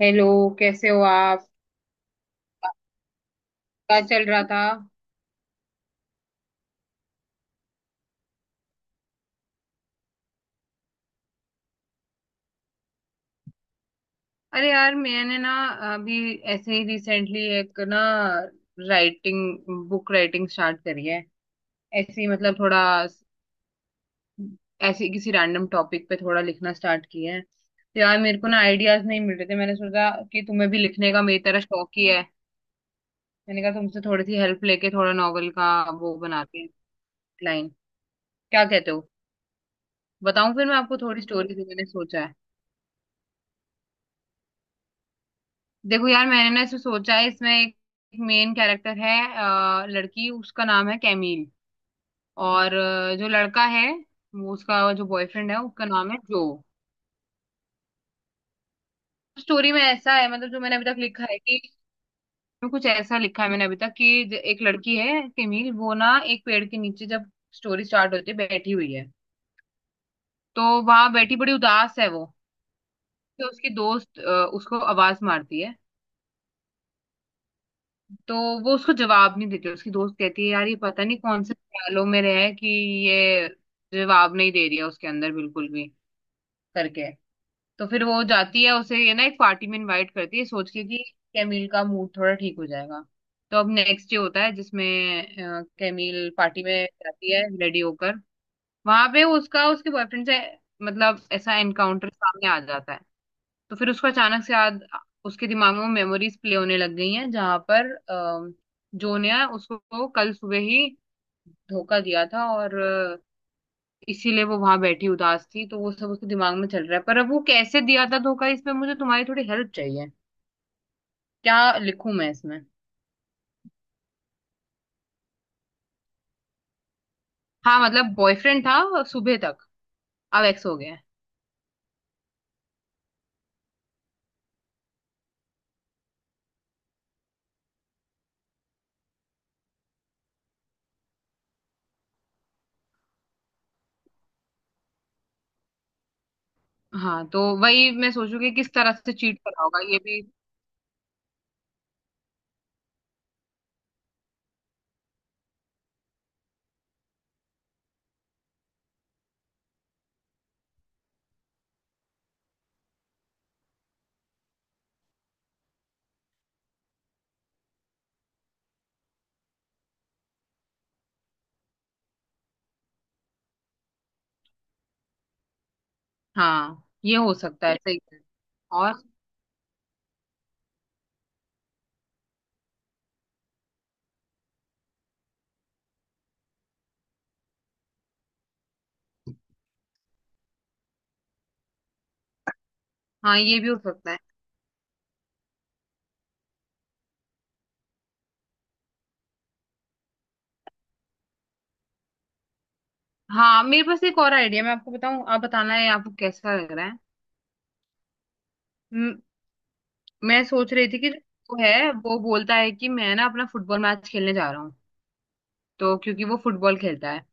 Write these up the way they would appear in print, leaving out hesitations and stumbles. Hello. कैसे हो आप। क्या चल रहा था। अरे यार, मैंने ना अभी ऐसे ही रिसेंटली एक ना राइटिंग बुक राइटिंग स्टार्ट करी है। ऐसे ही मतलब थोड़ा ऐसे ही किसी रैंडम टॉपिक पे थोड़ा लिखना स्टार्ट किया है। तो यार मेरे को ना आइडियाज नहीं मिल रहे थे। मैंने सोचा कि तुम्हें भी लिखने का मेरी तरह शौक ही है। मैंने कहा तुमसे थोड़ी सी हेल्प लेके थोड़ा नॉवल का वो बनाते हैं लाइन। क्या कहते हो। बताऊं फिर मैं आपको थोड़ी स्टोरी जो मैंने सोचा है। देखो यार, मैंने ना इसमें सोचा है, इसमें एक मेन कैरेक्टर है लड़की, उसका नाम है कैमील। और जो लड़का है, वो उसका जो बॉयफ्रेंड है उसका नाम है जो। स्टोरी में ऐसा है, मतलब जो मैंने अभी तक लिखा है कि इसमें कुछ ऐसा लिखा है मैंने अभी तक कि एक लड़की है कैमील, वो ना एक पेड़ के नीचे, जब स्टोरी स्टार्ट होती है, बैठी हुई है। तो वहां बैठी बड़ी उदास है वो। तो उसकी दोस्त उसको आवाज मारती है। तो वो उसको जवाब नहीं देती। उसकी दोस्त कहती है यार ये पता नहीं कौन से ख्यालों में रहे कि ये जवाब नहीं दे रही है, उसके अंदर बिल्कुल भी, करके। तो फिर वो जाती है, उसे ये ना एक पार्टी में इनवाइट करती है सोच के कि कैमिल का मूड थोड़ा ठीक हो जाएगा। तो अब नेक्स्ट डे होता है जिसमें कैमिल पार्टी में जाती है रेडी होकर। वहां पे उसका उसके बॉयफ्रेंड से मतलब ऐसा एनकाउंटर सामने आ जाता है। तो फिर उसको अचानक से याद, उसके दिमाग में वो मेमोरीज प्ले होने लग गई हैं जहां पर जो ने उसको कल सुबह ही धोखा दिया था। और इसीलिए वो वहां बैठी उदास थी। तो वो सब उसके दिमाग में चल रहा है, पर अब वो कैसे दिया था धोखा, इसमें मुझे तुम्हारी थोड़ी हेल्प चाहिए। क्या लिखूं मैं इसमें। हाँ, मतलब बॉयफ्रेंड था सुबह तक, अब एक्स हो गया है। हाँ, तो वही मैं सोचू कि किस तरह से चीट करा होगा, ये भी। हाँ, ये हो सकता है, सही है। और हाँ, ये भी हो सकता है। हाँ, मेरे पास एक और आइडिया, मैं आपको बताऊं, आप बताना है आपको कैसा लग रहा है। म- मैं सोच रही थी कि जो वो है वो बोलता है कि मैं ना अपना फुटबॉल मैच खेलने जा रहा हूँ, तो क्योंकि वो फुटबॉल खेलता है।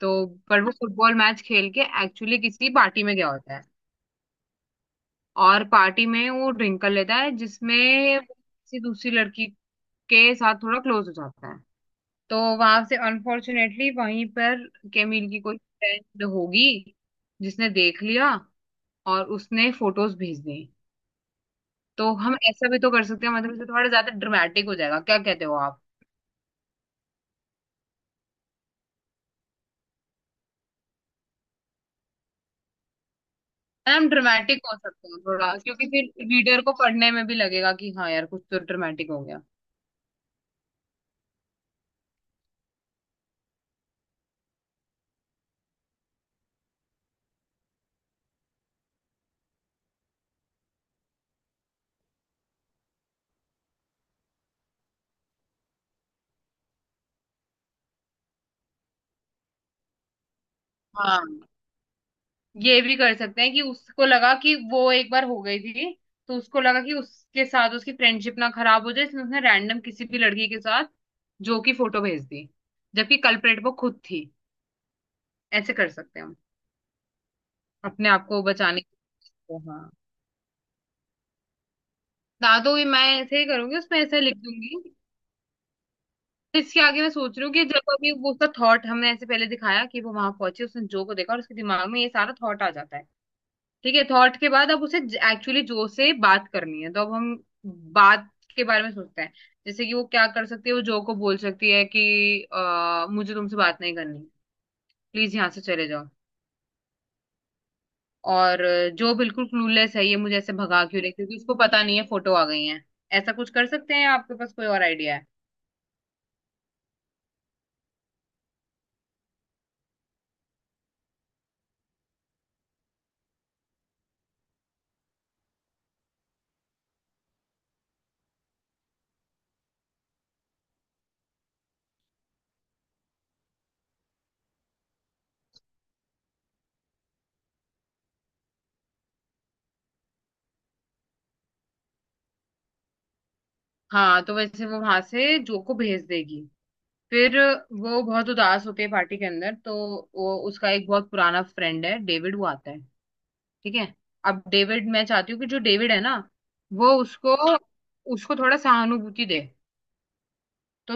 तो पर वो फुटबॉल मैच खेल के एक्चुअली किसी पार्टी में गया होता है। और पार्टी में वो ड्रिंक कर लेता है, जिसमें वो किसी दूसरी लड़की के साथ थोड़ा क्लोज हो जाता है। तो वहां से अनफॉर्चुनेटली वहीं पर केमिल की कोई फ्रेंड होगी जिसने देख लिया और उसने फोटोज भेज दी। तो हम ऐसा भी तो कर सकते हैं, मतलब इससे थोड़ा ज्यादा ड्रामेटिक हो जाएगा, क्या कहते हो आप। है ना, हम ड्रामेटिक हो सकते हैं थोड़ा, क्योंकि फिर रीडर को पढ़ने में भी लगेगा कि हाँ यार कुछ तो ड्रामेटिक हो गया। हाँ, ये भी कर सकते हैं कि उसको लगा कि वो एक बार हो गई थी, तो उसको लगा कि उसके साथ उसकी फ्रेंडशिप ना खराब हो जाए, इसलिए उसने रैंडम किसी भी लड़की के साथ जो की फोटो भेज दी, जबकि कल्प्रेट वो खुद थी। ऐसे कर सकते हैं हम, अपने आप को बचाने के लिए। हाँ, ना तो ये मैं ऐसे ही करूंगी, उसमें ऐसे लिख दूंगी। तो इसके आगे मैं सोच रही हूँ कि जब अभी वो उसका थॉट हमने ऐसे पहले दिखाया कि वो वहां पहुंची, उसने जो को देखा और उसके दिमाग में ये सारा थॉट आ जाता है। ठीक है, थॉट के बाद अब उसे एक्चुअली जो से बात करनी है। तो अब हम बात के बारे में सोचते हैं, जैसे कि वो क्या कर सकती है। वो जो को बोल सकती है कि मुझे तुमसे बात नहीं करनी, प्लीज यहाँ से चले जाओ। और जो बिल्कुल क्लूलेस है, ये मुझे ऐसे भगा क्यों रही है? क्योंकि उसको पता नहीं है फोटो आ गई है। ऐसा कुछ कर सकते हैं, आपके पास कोई और आइडिया है। हाँ, तो वैसे वो वहां से जो को भेज देगी। फिर वो बहुत उदास होती है पार्टी के अंदर। तो वो उसका एक बहुत पुराना फ्रेंड है डेविड, वो आता है। ठीक है, अब डेविड, मैं चाहती हूँ कि जो डेविड है ना, वो उसको उसको थोड़ा सहानुभूति दे। तो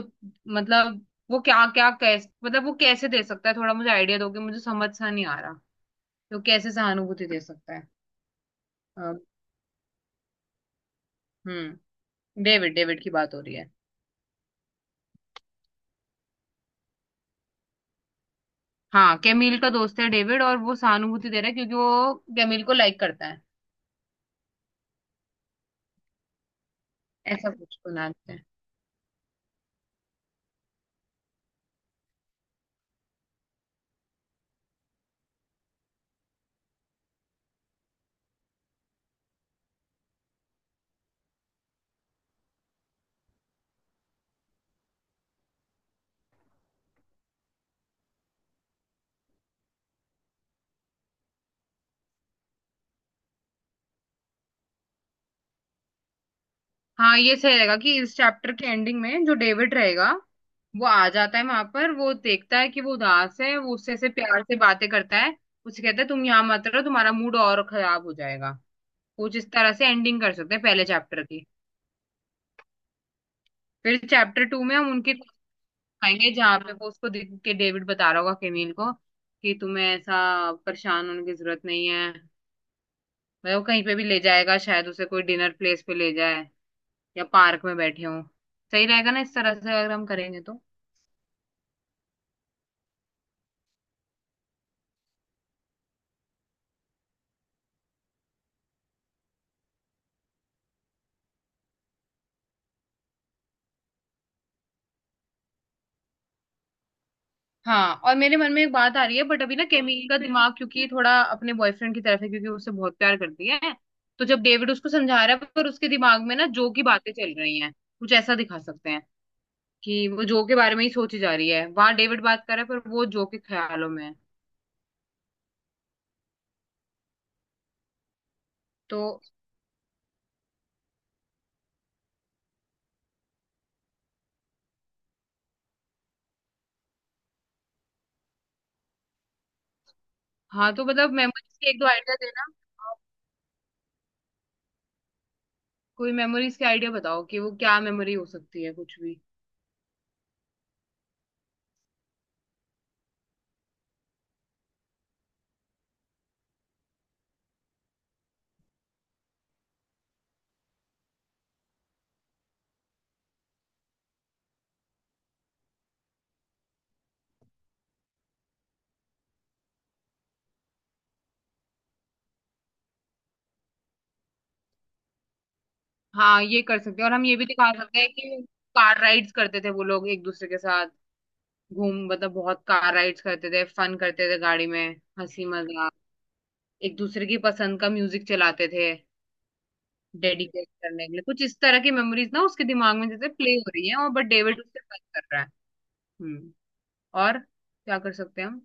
मतलब वो क्या क्या कैसे मतलब वो कैसे दे सकता है, थोड़ा मुझे आइडिया दो, कि मुझे समझ सा नहीं आ रहा। तो कैसे सहानुभूति दे सकता है। अ, हम्म डेविड डेविड की बात हो रही है। हाँ, कैमिल का दोस्त है डेविड, और वो सहानुभूति दे रहा है क्योंकि वो कैमिल को लाइक करता है। ऐसा कुछ बना देते हैं। हाँ, ये सही रहेगा कि इस चैप्टर के एंडिंग में जो डेविड रहेगा वो आ जाता है वहां पर, वो देखता है कि वो उदास है, वो उससे से प्यार से बातें करता है, उसे कहता है तुम यहाँ मत रहो, तुम्हारा मूड और खराब हो जाएगा। कुछ इस तरह से एंडिंग कर सकते हैं पहले चैप्टर की। फिर चैप्टर टू में हम उनके आएंगे जहाँ पे वो उसको देख के डेविड बता रहा होगा केमिल को कि तुम्हें ऐसा परेशान होने की जरूरत नहीं है, मतलब वो कहीं पे भी ले जाएगा, शायद उसे कोई डिनर प्लेस पे ले जाए या पार्क में बैठे हो। सही रहेगा ना इस तरह से अगर हम करेंगे तो। हाँ, और मेरे मन में एक बात आ रही है, बट अभी ना केमिल का दिमाग क्योंकि थोड़ा अपने बॉयफ्रेंड की तरफ है, क्योंकि वो उससे बहुत प्यार करती है। तो जब डेविड उसको समझा रहा है, पर उसके दिमाग में ना जो की बातें चल रही हैं, कुछ ऐसा दिखा सकते हैं कि वो जो के बारे में ही सोची जा रही है, वहां डेविड बात कर रहा है पर वो जो के ख्यालों में है। तो हाँ, तो मतलब मेमोरीज के एक दो आइडिया देना आप। कोई मेमोरीज के आइडिया बताओ कि वो क्या मेमोरी हो सकती है, कुछ भी। हाँ, ये कर सकते हैं, और हम ये भी दिखा सकते हैं कि कार राइड्स करते थे वो लोग एक दूसरे के साथ, घूम मतलब बहुत कार राइड्स करते थे, फन करते थे गाड़ी में, हंसी मजाक, एक दूसरे की पसंद का म्यूजिक चलाते थे, डेडिकेट करने के लिए। कुछ इस तरह की मेमोरीज ना उसके दिमाग में जैसे प्ले हो रही है, और बट डेविड उससे बात कर रहा है। हम्म, और क्या कर सकते हैं हम।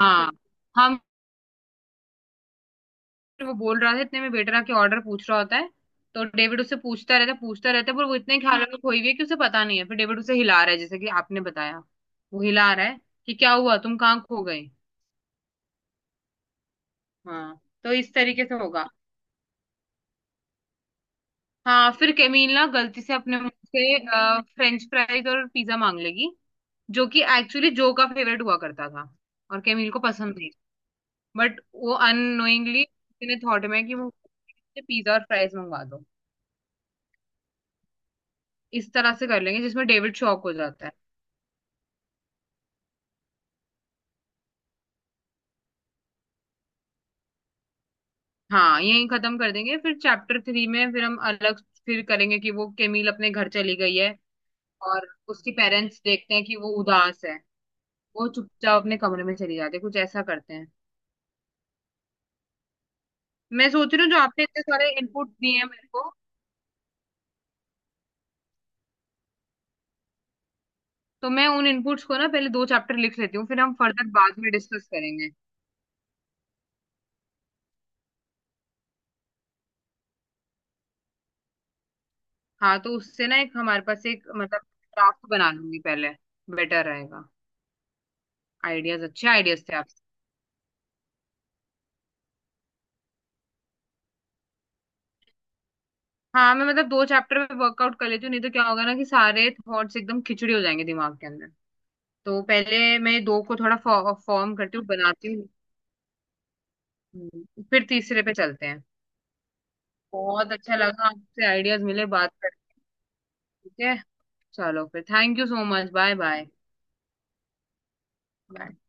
हाँ, हम, वो बोल रहा था इतने में वेटर आके ऑर्डर पूछ रहा होता है। तो डेविड उससे पूछता रहता है पूछता रहता है, पर वो इतने ख्याल में खोई हुई है कि उसे पता नहीं है। फिर डेविड उसे हिला रहा है जैसे कि आपने बताया। वो हिला रहा है कि क्या हुआ, तुम कहाँ खो गए। हाँ, तो इस तरीके से होगा। हाँ, फिर केमिल ना गलती से अपने मुंह से फ्रेंच फ्राइज और पिज्जा मांग लेगी, जो कि एक्चुअली जो का फेवरेट हुआ करता था और केमिल को पसंद नहीं। बट वो अननोइंगली उसने थॉट में कि वो पिज्जा और फ्राइज मंगवा दो। इस तरह से कर लेंगे जिसमें डेविड शॉक हो जाता है। हाँ, यही खत्म कर देंगे। फिर चैप्टर थ्री में फिर हम अलग फिर करेंगे कि वो केमिल अपने घर चली गई है और उसके पेरेंट्स देखते हैं कि वो उदास है, वो चुपचाप अपने कमरे में चली जाती है। कुछ ऐसा करते हैं। मैं सोच रही हूँ जो आपने इतने सारे इनपुट दिए हैं मेरे को, तो मैं उन इनपुट्स को ना पहले दो चैप्टर लिख लेती हूँ, फिर हम फर्दर बाद में डिस्कस करेंगे। हाँ, तो उससे ना एक हमारे पास एक मतलब ड्राफ्ट बना लूंगी पहले, बेटर रहेगा। आइडियाज अच्छे आइडियाज थे आप। हाँ, मैं मतलब दो चैप्टर में वर्कआउट कर लेती हूँ, नहीं तो क्या होगा ना कि सारे थॉट्स एकदम खिचड़ी हो जाएंगे दिमाग के अंदर। तो पहले मैं दो को थोड़ा फॉर्म करती हूँ, बनाती हूँ। फिर तीसरे पे चलते हैं। बहुत अच्छा लगा आपसे आइडियाज मिले, बात करके। ठीक है, चलो फिर thank you so much, bye bye कर दो।